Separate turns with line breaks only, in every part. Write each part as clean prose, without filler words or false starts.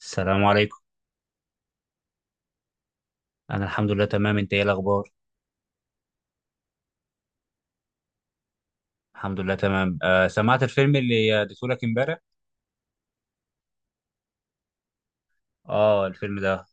السلام عليكم. انا الحمد لله تمام، انت ايه الاخبار؟ الحمد لله تمام. سمعت الفيلم اللي اديته لك امبارح. اه، الفيلم ده.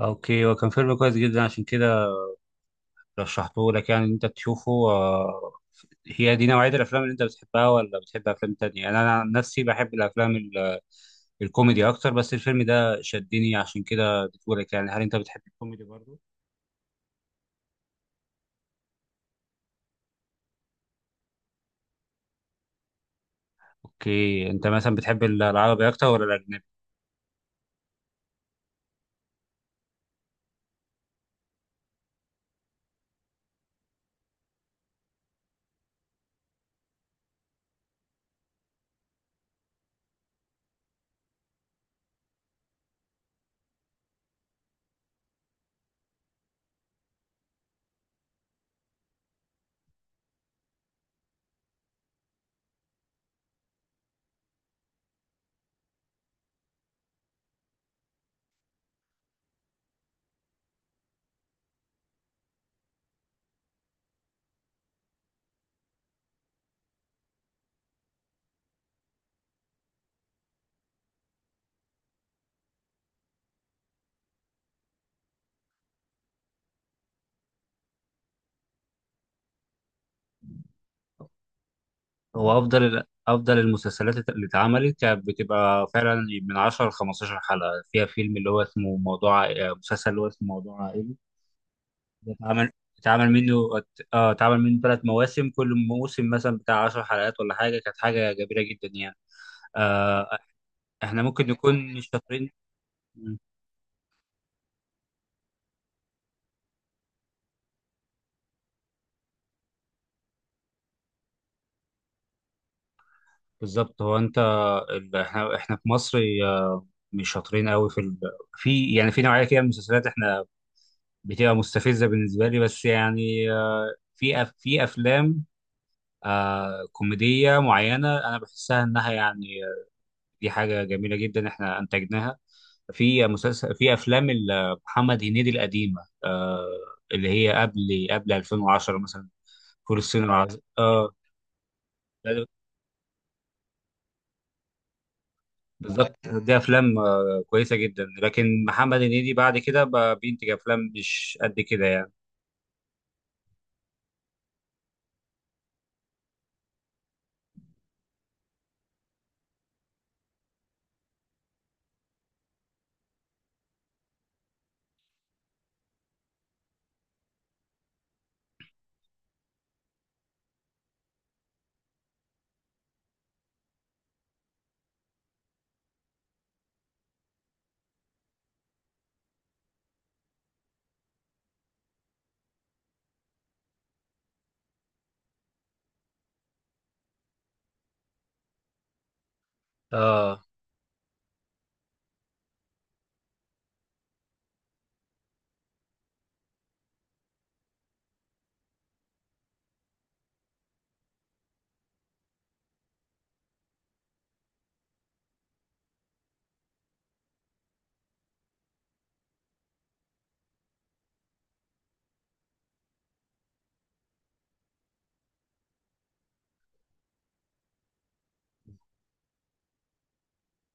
اوكي، هو كان فيلم كويس جدا عشان كده رشحته لك، يعني إن انت تشوفه. هي دي نوعية الافلام اللي انت بتحبها ولا بتحب افلام تانية؟ انا عن نفسي بحب الافلام الكوميدي اكتر، بس الفيلم ده شدني عشان كده اديته لك، يعني هل انت بتحب الكوميدي برضه؟ اوكي، انت مثلا بتحب العربي اكتر ولا الاجنبي؟ هو افضل المسلسلات اللي اتعملت كانت بتبقى فعلا من 10 ل 15 حلقه، فيها فيلم اللي هو اسمه موضوع، مسلسل اللي هو اسمه موضوع عائلي. ده اتعمل، اتعمل منه اه اتعمل منه ثلاث مواسم، كل موسم مثلا بتاع 10 حلقات ولا حاجه، كانت حاجه جميله جدا يعني. آه احنا ممكن نكون مش شاطرين. مم. بالظبط، هو انت، احنا في مصر، آه، مش شاطرين قوي في في يعني في نوعيه كده من المسلسلات، احنا بتبقى مستفزه بالنسبه لي، بس يعني، في افلام كوميديه معينه انا بحسها انها يعني، دي حاجه جميله جدا احنا انتجناها في مسلسل، في افلام محمد هنيدي القديمه، اللي هي قبل 2010 مثلا، فول الصين العظيم، اه. بالظبط، دي افلام كويسه جدا، لكن محمد هنيدي بعد كده بقى بينتج افلام مش قد كده يعني. آه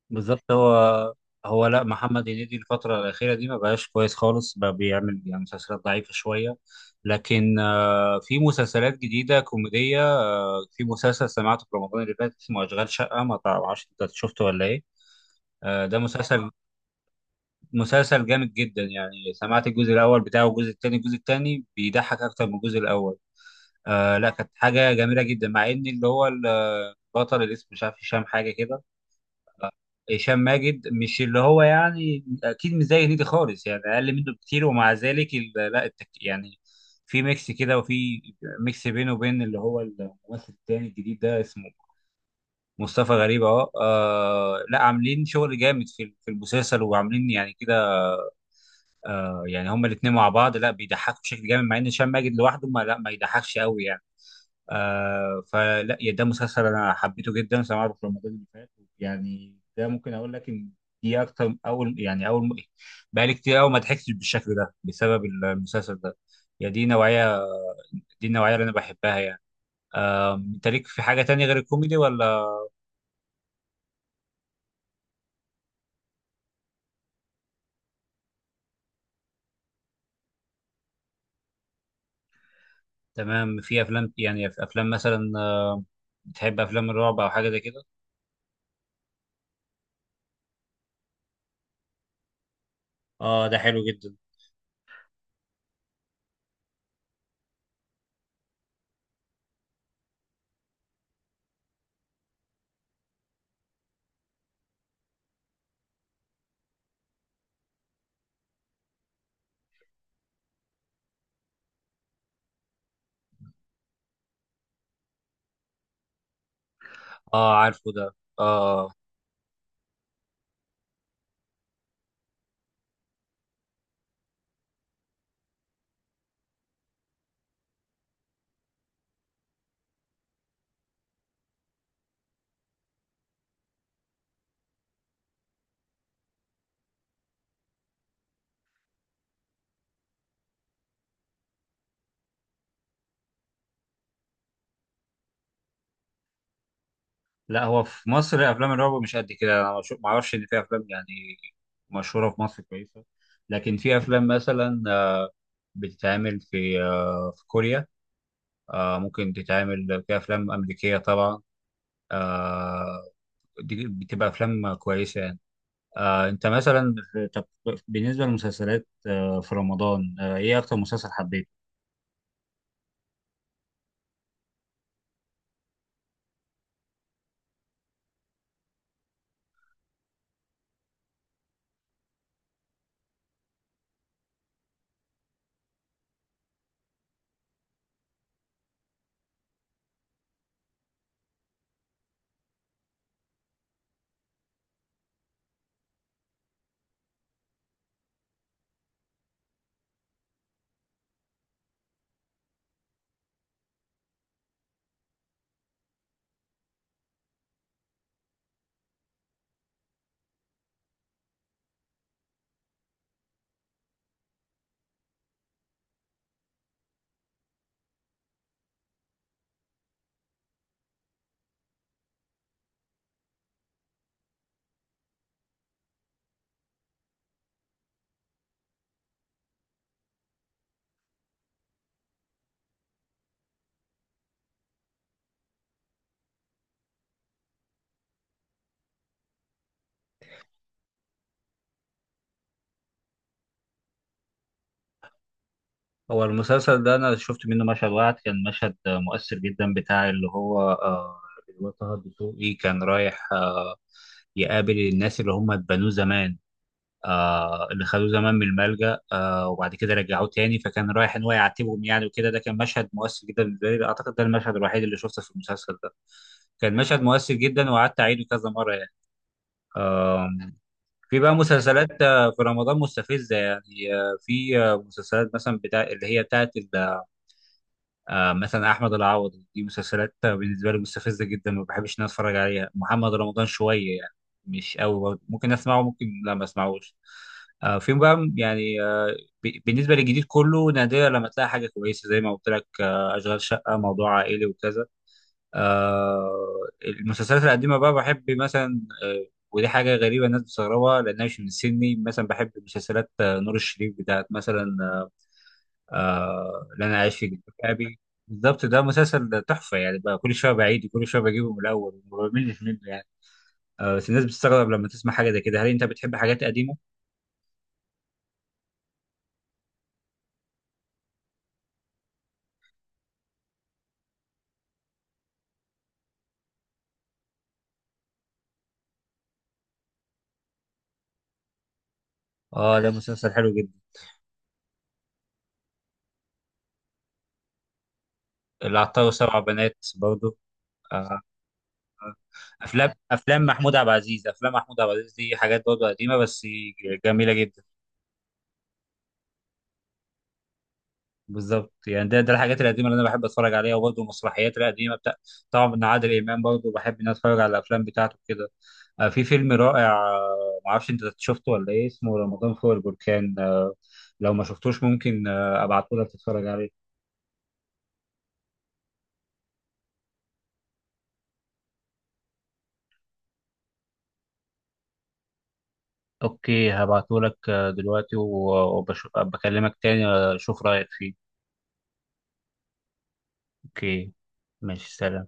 بالظبط، هو لا، محمد هنيدي الفترة الأخيرة دي ما بقاش كويس خالص، بقى بيعمل يعني مسلسلات ضعيفة شوية. لكن في مسلسلات جديدة كوميدية، في مسلسل سمعته في رمضان اللي فات اسمه أشغال شقة، ما تعرفش أنت شفته ولا إيه؟ ده مسلسل جامد جدا يعني. سمعت الجزء الأول بتاعه والجزء التاني، الجزء التاني بيضحك أكتر من الجزء الأول. لا، كانت حاجة جميلة جدا مع إن اللي هو البطل اللي اسمه مش عارف هشام حاجة كده. هشام ماجد مش اللي هو، يعني اكيد مش زي هنيدي خالص يعني، اقل منه بكتير، ومع ذلك لا، التك يعني، في ميكس كده وفي ميكس بينه وبين اللي هو الممثل التاني الجديد ده اسمه مصطفى غريب اهو. لا، عاملين شغل جامد في المسلسل وعاملين يعني كده. يعني هما الاتنين مع بعض لا بيضحكوا بشكل جامد، مع ان هشام ماجد لوحده ما لا ما يضحكش قوي يعني. فلا يا، ده مسلسل انا حبيته جدا سمعته في رمضان اللي فات، يعني ده ممكن اقول لك ان دي اكتر اول، بقالي كتير قوي ما ضحكتش بالشكل ده بسبب المسلسل ده. يا دي نوعيه، دي النوعيه اللي انا بحبها يعني. انت ليك في حاجه تانية غير الكوميدي ولا؟ تمام. في افلام، يعني في افلام مثلا، بتحب افلام الرعب او حاجه زي كده؟ اه، ده حلو جدا. اه، عارفه ده، اه. لا، هو في مصر افلام الرعب مش قد كده، انا ما اعرفش ان في افلام يعني مشهوره في مصر كويسه. لكن في افلام مثلا بتتعمل في في كوريا، ممكن تتعمل في افلام امريكيه طبعا، آه، دي بتبقى افلام كويسه يعني. انت مثلا طب، بالنسبه للمسلسلات في رمضان، ايه اكتر مسلسل حبيته؟ هو المسلسل ده انا شفت منه مشهد واحد، كان مشهد مؤثر جدا بتاع اللي هو طه الدسوقي، كان رايح يقابل الناس اللي هم اتبنوه زمان، اللي خدوه زمان من الملجأ، وبعد كده رجعوه تاني، فكان رايح ان هو يعاتبهم يعني وكده. ده كان مشهد مؤثر جدا بالنسبه لي، اعتقد ده المشهد الوحيد اللي شفته في المسلسل ده، كان مشهد مؤثر جدا وقعدت اعيده كذا مره يعني. آم، في بقى مسلسلات في رمضان مستفزه يعني، آه، في آه، مسلسلات مثلا بتاع اللي هي بتاعت مثلا احمد العوضي، دي مسلسلات بالنسبه لي مستفزه جدا، ما بحبش ان أنا اتفرج عليها. محمد رمضان شويه يعني، مش قوي برضه. ممكن اسمعه، ممكن لا، ما اسمعوش. فيهم بقى يعني، بالنسبه للجديد كله نادرا لما تلاقي حاجه كويسه زي ما قلت لك، اشغال شقه، موضوع عائلي وكذا. المسلسلات القديمه بقى بحب مثلا، ودي حاجه غريبه الناس بتستغربها لانها مش من سني، مثلا بحب مسلسلات نور الشريف بتاعت مثلا، لن أعيش في جلباب أبي. بالظبط، ده مسلسل تحفة يعني، بقى كل شوية بعيد وكل شوية بجيبه من الأول وما بملش منه يعني. بس الناس بتستغرب لما تسمع حاجة زي كده، هل أنت بتحب حاجات قديمة؟ ده مسلسل حلو جدا. العطار وسبع بنات برضه. آه أفلام، محمود عبد العزيز، دي حاجات برضه قديمة بس جميلة جدا. بالظبط يعني، ده الحاجات القديمه اللي انا بحب اتفرج عليها، وبرضه المسرحيات القديمه بتاع، طبعا من عادل امام، برضه بحب ان أنا اتفرج على الافلام بتاعته كده. في فيلم رائع، معرفش انت شفته ولا ايه، اسمه رمضان فوق البركان، لو ما شفتوش ممكن ابعته لك تتفرج عليه. اوكي، هبعته لك دلوقتي وبكلمك تاني، اشوف رايك فيه. اوكي، ماشي، سلام.